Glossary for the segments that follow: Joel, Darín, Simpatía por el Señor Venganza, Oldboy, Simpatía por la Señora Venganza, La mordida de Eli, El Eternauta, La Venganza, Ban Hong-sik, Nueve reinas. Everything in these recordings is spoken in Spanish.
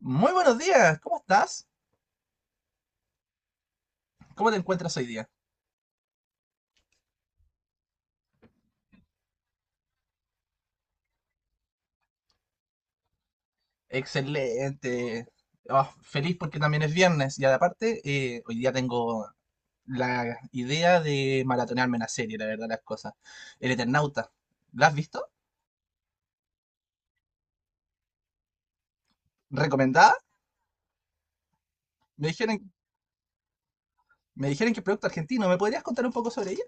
Muy buenos días, ¿cómo estás? ¿Cómo te encuentras hoy día? Excelente. Oh, feliz porque también es viernes y aparte hoy día tengo la idea de maratonearme una serie, la verdad las cosas. El Eternauta, ¿la has visto? ¿Recomendada? Me dijeron, me dijeron que es producto argentino, ¿me podrías contar un poco sobre ella?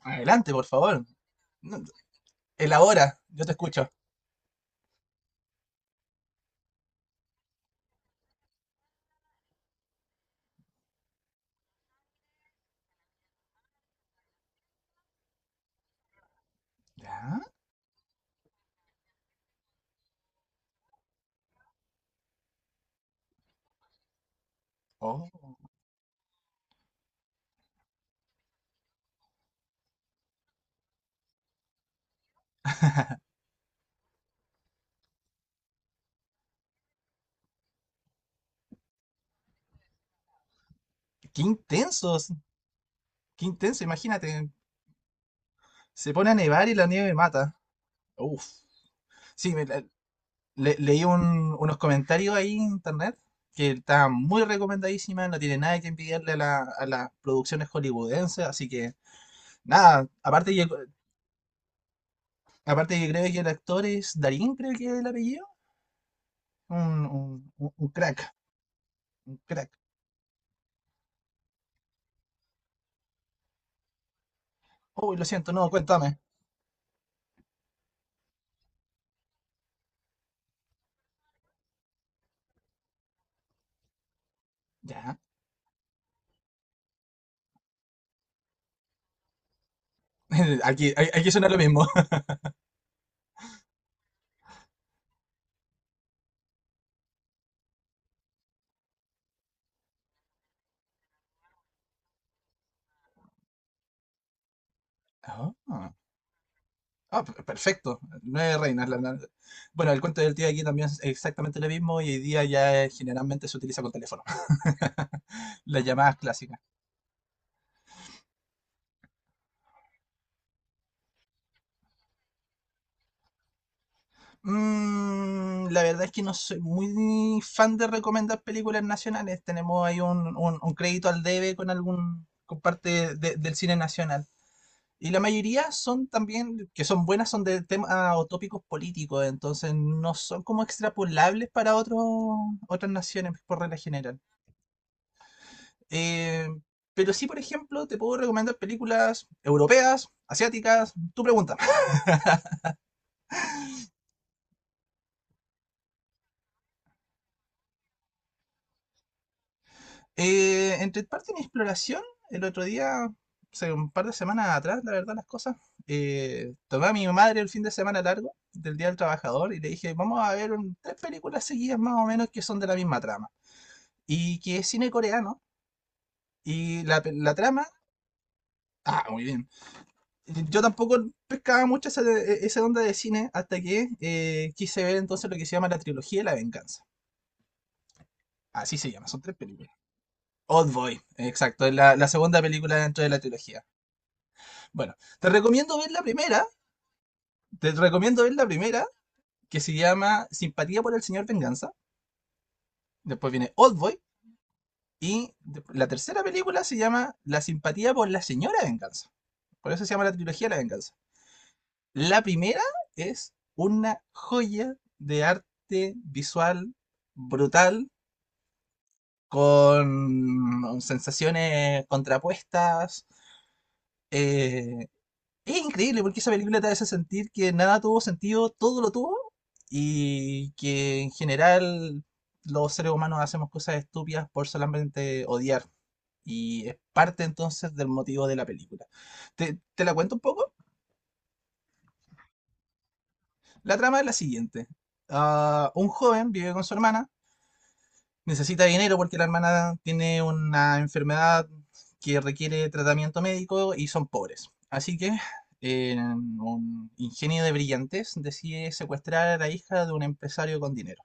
Adelante, por favor. No, elabora, yo te escucho. ¿Ya? Oh, qué intensos, qué intenso, imagínate. Se pone a nevar y la nieve mata. Uf. Sí, leí unos comentarios ahí en internet que está muy recomendadísima, no tiene nada que envidiarle a, a las producciones hollywoodenses, así que nada, aparte que creo que el actor es Darín, creo que es el apellido, un crack, un crack. Uy, lo siento, no, cuéntame. Ya, aquí, aquí suena lo mismo. Ah, perfecto, nueve reinas. Bueno, el cuento del tío aquí también es exactamente lo mismo y hoy día ya generalmente se utiliza con teléfono, las llamadas clásicas. La verdad es que no soy muy fan de recomendar películas nacionales. Tenemos ahí un crédito al debe con algún con parte del cine nacional. Y la mayoría son también, que son buenas, son de temas o tópicos políticos, entonces no son como extrapolables para otros otras naciones por regla general. Eh, pero sí, por ejemplo, te puedo recomendar películas europeas, asiáticas, tu pregunta. Entre parte de mi exploración, el otro día, hace un par de semanas atrás, la verdad, las cosas, tomé a mi madre el fin de semana largo del Día del Trabajador y le dije, vamos a ver tres películas seguidas más o menos que son de la misma trama y que es cine coreano y la trama... Ah, muy bien. Yo tampoco pescaba mucho esa, esa onda de cine hasta que quise ver entonces lo que se llama la trilogía de la venganza. Así se llama, son tres películas. Old Boy, exacto, es la, la segunda película dentro de la trilogía. Bueno, te recomiendo ver la primera, te recomiendo ver la primera, que se llama Simpatía por el Señor Venganza, después viene Oldboy, y la tercera película se llama La Simpatía por la Señora Venganza. Por eso se llama la trilogía La Venganza. La primera es una joya de arte visual brutal, con sensaciones contrapuestas, eh, es increíble porque esa película te hace sentir que nada tuvo sentido, todo lo tuvo, y que en general los seres humanos hacemos cosas estúpidas por solamente odiar. Y es parte entonces del motivo de la película. ¿Te, te la cuento un poco? La trama es la siguiente. Ah, un joven vive con su hermana, necesita dinero porque la hermana tiene una enfermedad que requiere tratamiento médico y son pobres. Así que un ingenio de brillantez decide secuestrar a la hija de un empresario con dinero.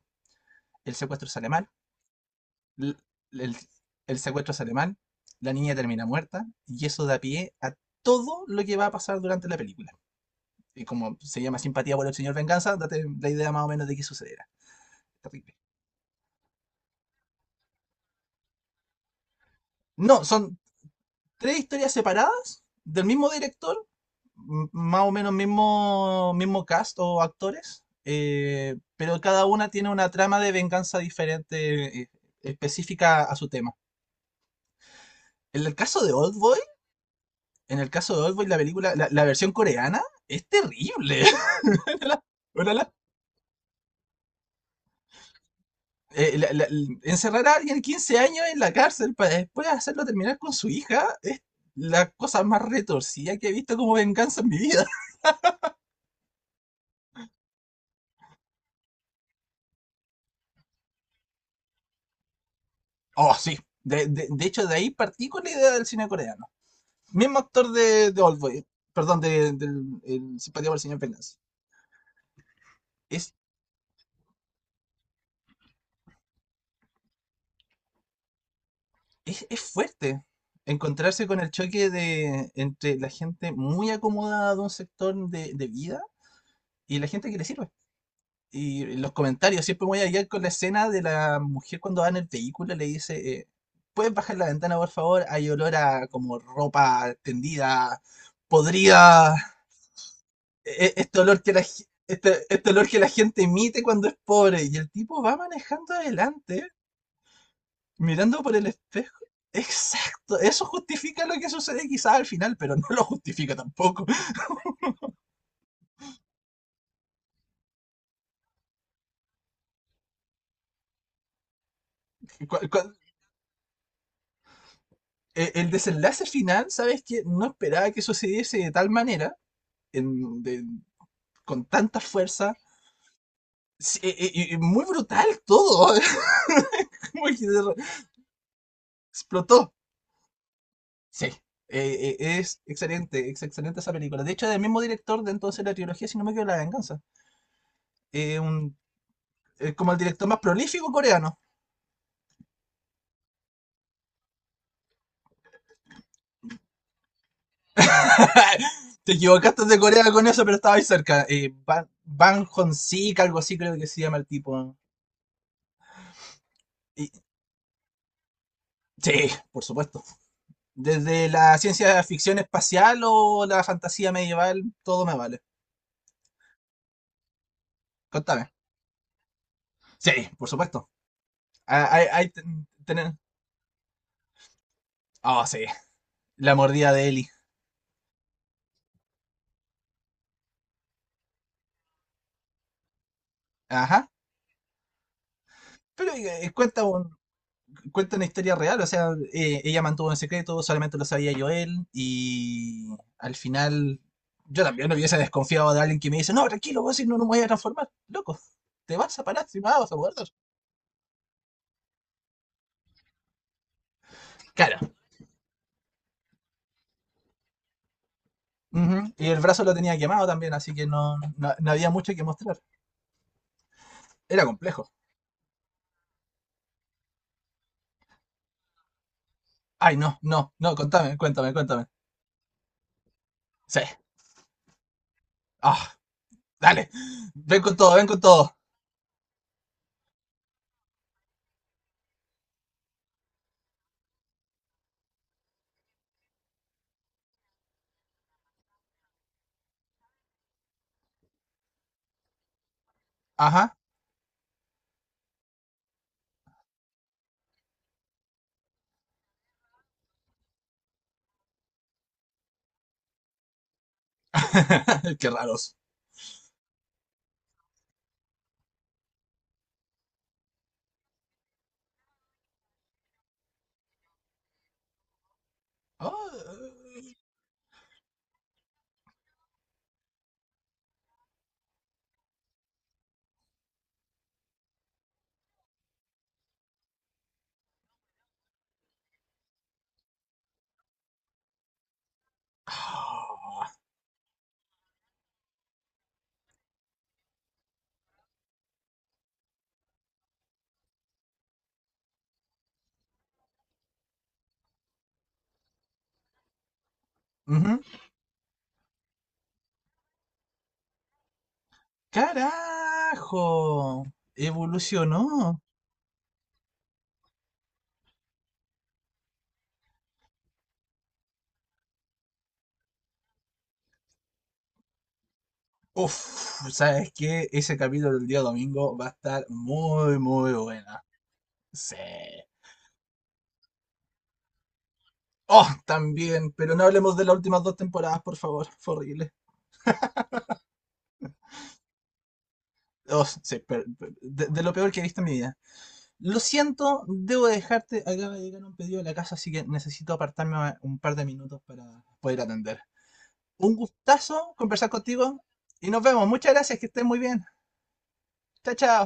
El secuestro sale mal, l- el, el secuestro sale mal, la niña termina muerta y eso da pie a todo lo que va a pasar durante la película. Y como se llama simpatía por el señor Venganza, date la idea más o menos de qué sucederá. Terrible. No, son tres historias separadas del mismo director, más o menos mismo cast o actores, pero cada una tiene una trama de venganza diferente, específica a su tema. En el caso de Oldboy, en el caso de Oldboy, la película, la versión coreana es terrible. La- una de eh, la- la- encerrar a alguien 15 años en la cárcel para después hacerlo terminar con su hija es la cosa más retorcida que he visto como venganza en mi vida. Oh, sí. De, de hecho, de ahí partí con la idea del cine coreano. Mismo actor de Oldboy, perdón, de, del el Simpatía por el Señor Venganza. Es, es fuerte encontrarse con el choque de, entre la gente muy acomodada de un sector de vida y la gente que le sirve. Y los comentarios, siempre voy a llegar con la escena de la mujer cuando va en el vehículo, le dice, ¿puedes bajar la ventana, por favor? Hay olor a como ropa tendida, podrida, este olor que este olor que la gente emite cuando es pobre. Y el tipo va manejando adelante, mirando por el espejo. Exacto, eso justifica lo que sucede quizás al final, pero no lo justifica tampoco. Cu- cu- el desenlace final, ¿sabes que no esperaba que sucediese de tal manera, en- de- con tanta fuerza? Sí, y muy brutal todo. Como que explotó. Sí, es excelente esa película. De hecho, es del mismo director de entonces la trilogía, si no me equivoco, La Venganza. Eh, un, es como el director más prolífico coreano. Te equivocaste de Corea con eso, pero estaba ahí cerca. Ban Hong-sik, algo así creo que se llama el tipo. Y- sí, por supuesto. Desde la ciencia ficción espacial o la fantasía medieval, todo me vale. Contame. Sí, por supuesto. Ah, Hay, hay ten- tener- Oh, sí. La mordida de Eli. Ajá. Pero cuenta una historia real, o sea, ella mantuvo en secreto, solamente lo sabía Joel y al final yo también no hubiese desconfiado de alguien que me dice, no, tranquilo, vos si no, no me voy a transformar, loco, te vas a parar, si me vas a morder. Claro. Ujú, y el brazo lo tenía quemado también, así que no había mucho que mostrar. Era complejo. Ay, no, contame, cuéntame, cuéntame. Sí. Ah, dale. Ven con todo, ven con todo. Ajá. Qué raros. Ah. Ujú. ¡Carajo! Evolucionó. Uf, ¿sabes qué? Ese capítulo del día domingo va a estar muy, muy buena. Sí. Oh, también, pero no hablemos de las últimas dos temporadas, por favor. Fue horrible. Oh, sí, de lo peor que he visto en mi vida. Lo siento, debo dejarte. Acaba de llegar un pedido a la casa, así que necesito apartarme un par de minutos para poder atender. Un gustazo conversar contigo y nos vemos. Muchas gracias, que estés muy bien. Chao, chao.